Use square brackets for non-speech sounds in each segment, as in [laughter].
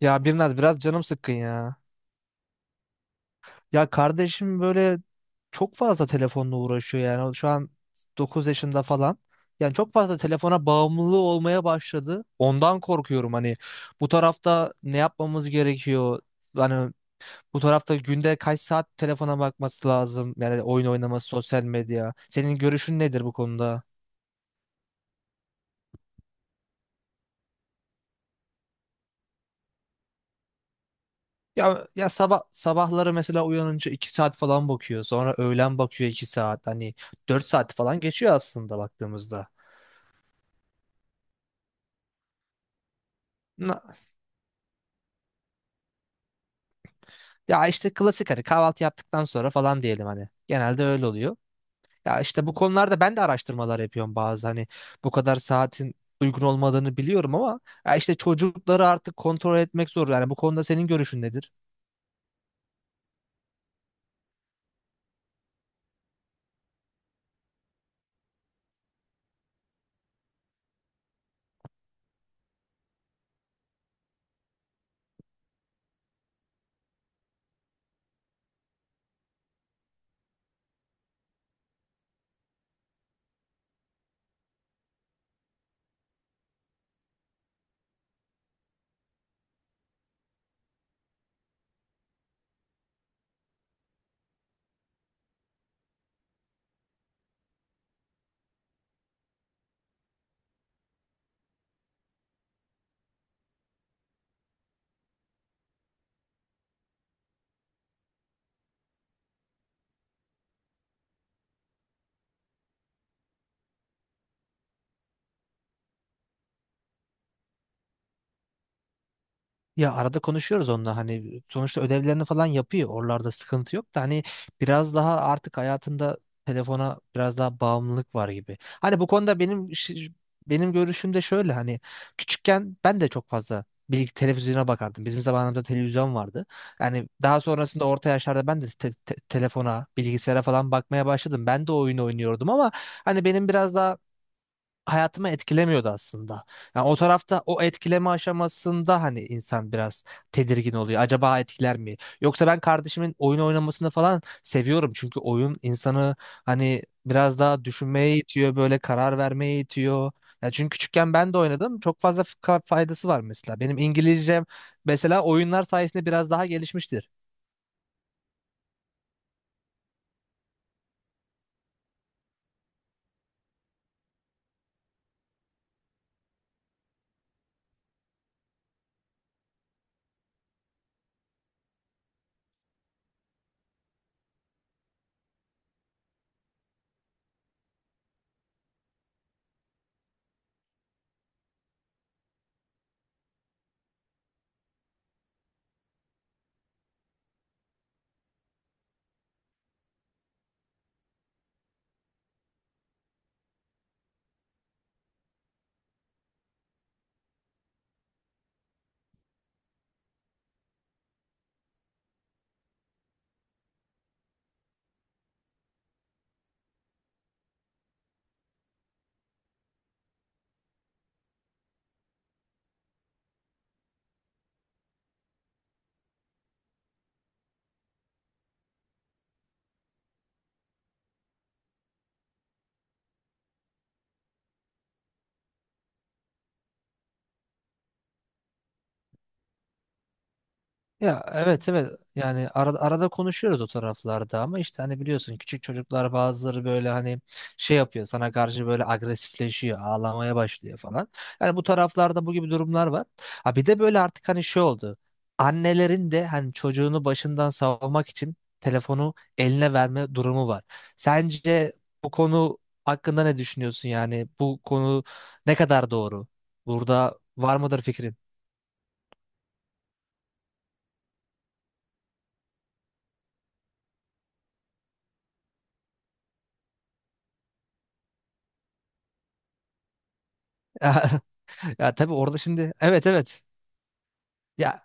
Ya Birnaz biraz canım sıkkın ya. Ya kardeşim böyle çok fazla telefonla uğraşıyor yani. Şu an 9 yaşında falan. Yani çok fazla telefona bağımlılığı olmaya başladı. Ondan korkuyorum, hani bu tarafta ne yapmamız gerekiyor? Hani bu tarafta günde kaç saat telefona bakması lazım? Yani oyun oynaması, sosyal medya. Senin görüşün nedir bu konuda? Ya sabah sabahları mesela uyanınca 2 saat falan bakıyor. Sonra öğlen bakıyor 2 saat. Hani 4 saat falan geçiyor aslında baktığımızda. Na- Ya işte klasik hani kahvaltı yaptıktan sonra falan diyelim hani. Genelde öyle oluyor. Ya işte bu konularda ben de araştırmalar yapıyorum, bazı hani bu kadar saatin uygun olmadığını biliyorum ama ya işte çocukları artık kontrol etmek zor. Yani bu konuda senin görüşün nedir? Ya arada konuşuyoruz onunla, hani sonuçta ödevlerini falan yapıyor. Oralarda sıkıntı yok da hani biraz daha artık hayatında telefona biraz daha bağımlılık var gibi. Hani bu konuda benim görüşüm de şöyle, hani küçükken ben de çok fazla bilgi televizyona bakardım. Bizim zamanımızda televizyon vardı. Yani daha sonrasında orta yaşlarda ben de telefona, bilgisayara falan bakmaya başladım. Ben de oyun oynuyordum ama hani benim biraz daha hayatıma etkilemiyordu aslında. Yani o tarafta o etkileme aşamasında hani insan biraz tedirgin oluyor. Acaba etkiler mi? Yoksa ben kardeşimin oyun oynamasını falan seviyorum. Çünkü oyun insanı hani biraz daha düşünmeye itiyor, böyle karar vermeye itiyor. Ya çünkü küçükken ben de oynadım. Çok fazla faydası var mesela. Benim İngilizcem mesela oyunlar sayesinde biraz daha gelişmiştir. Ya evet, evet, yani arada konuşuyoruz o taraflarda ama işte hani biliyorsun küçük çocuklar bazıları böyle hani şey yapıyor sana karşı, böyle agresifleşiyor, ağlamaya başlıyor falan. Yani bu taraflarda bu gibi durumlar var. Ha bir de böyle artık hani şey oldu, annelerin de hani çocuğunu başından savmak için telefonu eline verme durumu var. Sence bu konu hakkında ne düşünüyorsun, yani bu konu ne kadar doğru? Burada var mıdır fikrin? [laughs] Ya tabii orada şimdi, evet evet. Ya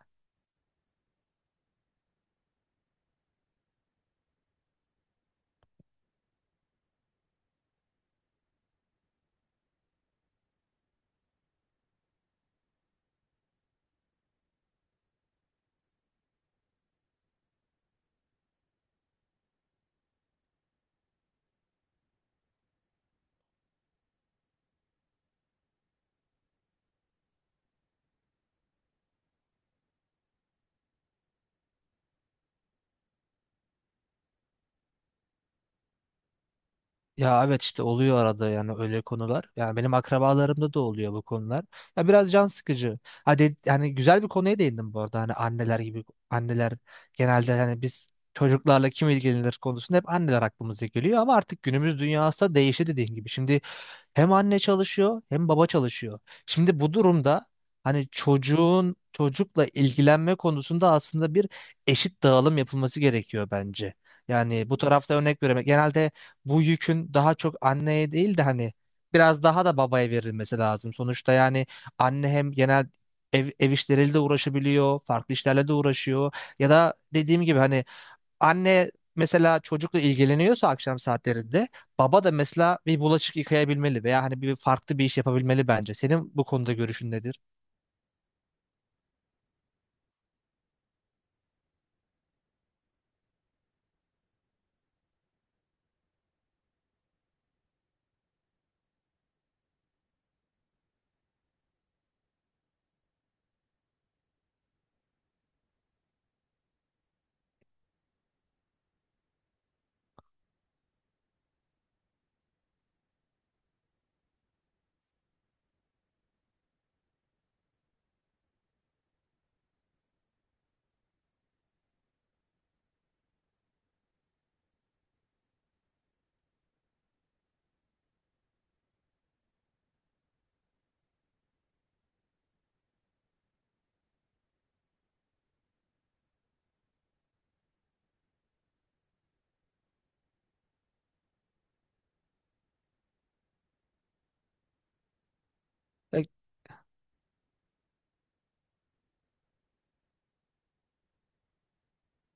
ya evet, işte oluyor arada yani öyle konular. Yani benim akrabalarımda da oluyor bu konular. Ya biraz can sıkıcı. Hadi yani güzel bir konuya değindim bu arada. Hani anneler gibi, anneler genelde hani biz çocuklarla kim ilgilenir konusunda hep anneler aklımıza geliyor ama artık günümüz dünyası da değişti, dediğin gibi. Şimdi hem anne çalışıyor hem baba çalışıyor. Şimdi bu durumda hani çocuğun çocukla ilgilenme konusunda aslında bir eşit dağılım yapılması gerekiyor bence. Yani bu tarafta örnek vermek. Genelde bu yükün daha çok anneye değil de hani biraz daha da babaya verilmesi lazım. Sonuçta yani anne hem genel ev işleriyle de uğraşabiliyor, farklı işlerle de uğraşıyor. Ya da dediğim gibi hani anne mesela çocukla ilgileniyorsa akşam saatlerinde, baba da mesela bir bulaşık yıkayabilmeli veya hani bir farklı bir iş yapabilmeli bence. Senin bu konuda görüşün nedir?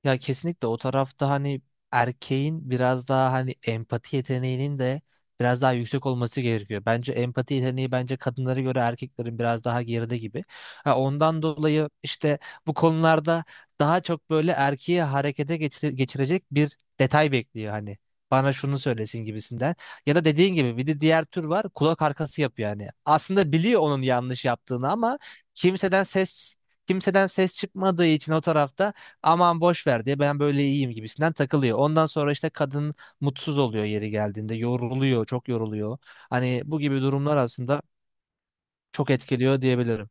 Ya kesinlikle o tarafta hani erkeğin biraz daha hani empati yeteneğinin de biraz daha yüksek olması gerekiyor. Bence empati yeteneği bence kadınlara göre erkeklerin biraz daha geride gibi. Ha, ondan dolayı işte bu konularda daha çok böyle erkeği harekete geçirecek bir detay bekliyor hani. Bana şunu söylesin gibisinden. Ya da dediğin gibi bir de diğer tür var, kulak arkası yapıyor yani. Aslında biliyor onun yanlış yaptığını ama kimseden ses kimseden ses çıkmadığı için o tarafta aman boş ver diye ben böyle iyiyim gibisinden takılıyor. Ondan sonra işte kadın mutsuz oluyor, yeri geldiğinde yoruluyor, çok yoruluyor. Hani bu gibi durumlar aslında çok etkiliyor diyebilirim.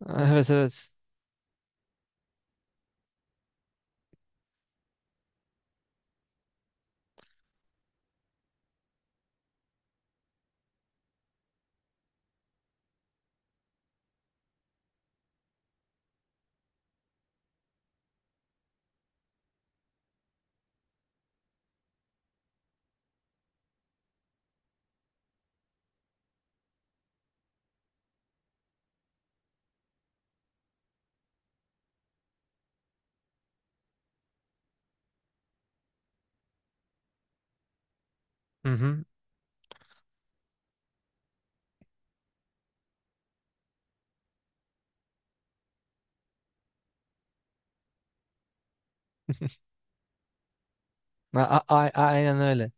[laughs] Evet, evet. Hı hı. Aynen öyle.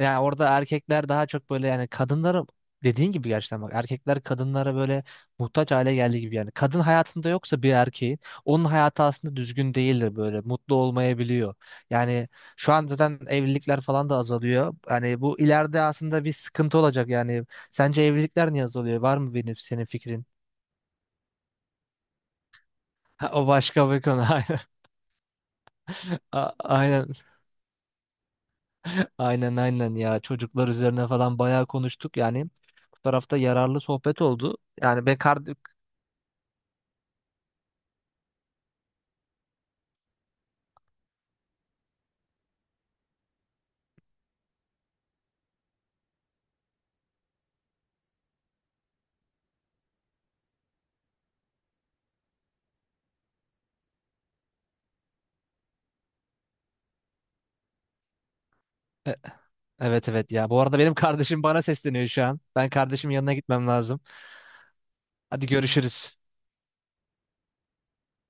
Yani orada erkekler daha çok böyle, yani kadınlara dediğin gibi gerçekten bak, erkekler kadınlara böyle muhtaç hale geldiği gibi yani kadın hayatında yoksa bir erkeğin onun hayatı aslında düzgün değildir, böyle mutlu olmayabiliyor. Yani şu an zaten evlilikler falan da azalıyor. Yani bu ileride aslında bir sıkıntı olacak yani. Sence evlilikler niye azalıyor? Var mı benim senin fikrin? [laughs] Ha, o başka bir konu. [laughs] Aynen. Aynen. Aynen ya, çocuklar üzerine falan bayağı konuştuk yani bu tarafta yararlı sohbet oldu. Yani ben kard. E- evet, evet, ya bu arada benim kardeşim bana sesleniyor şu an. Ben kardeşimin yanına gitmem lazım. Hadi görüşürüz.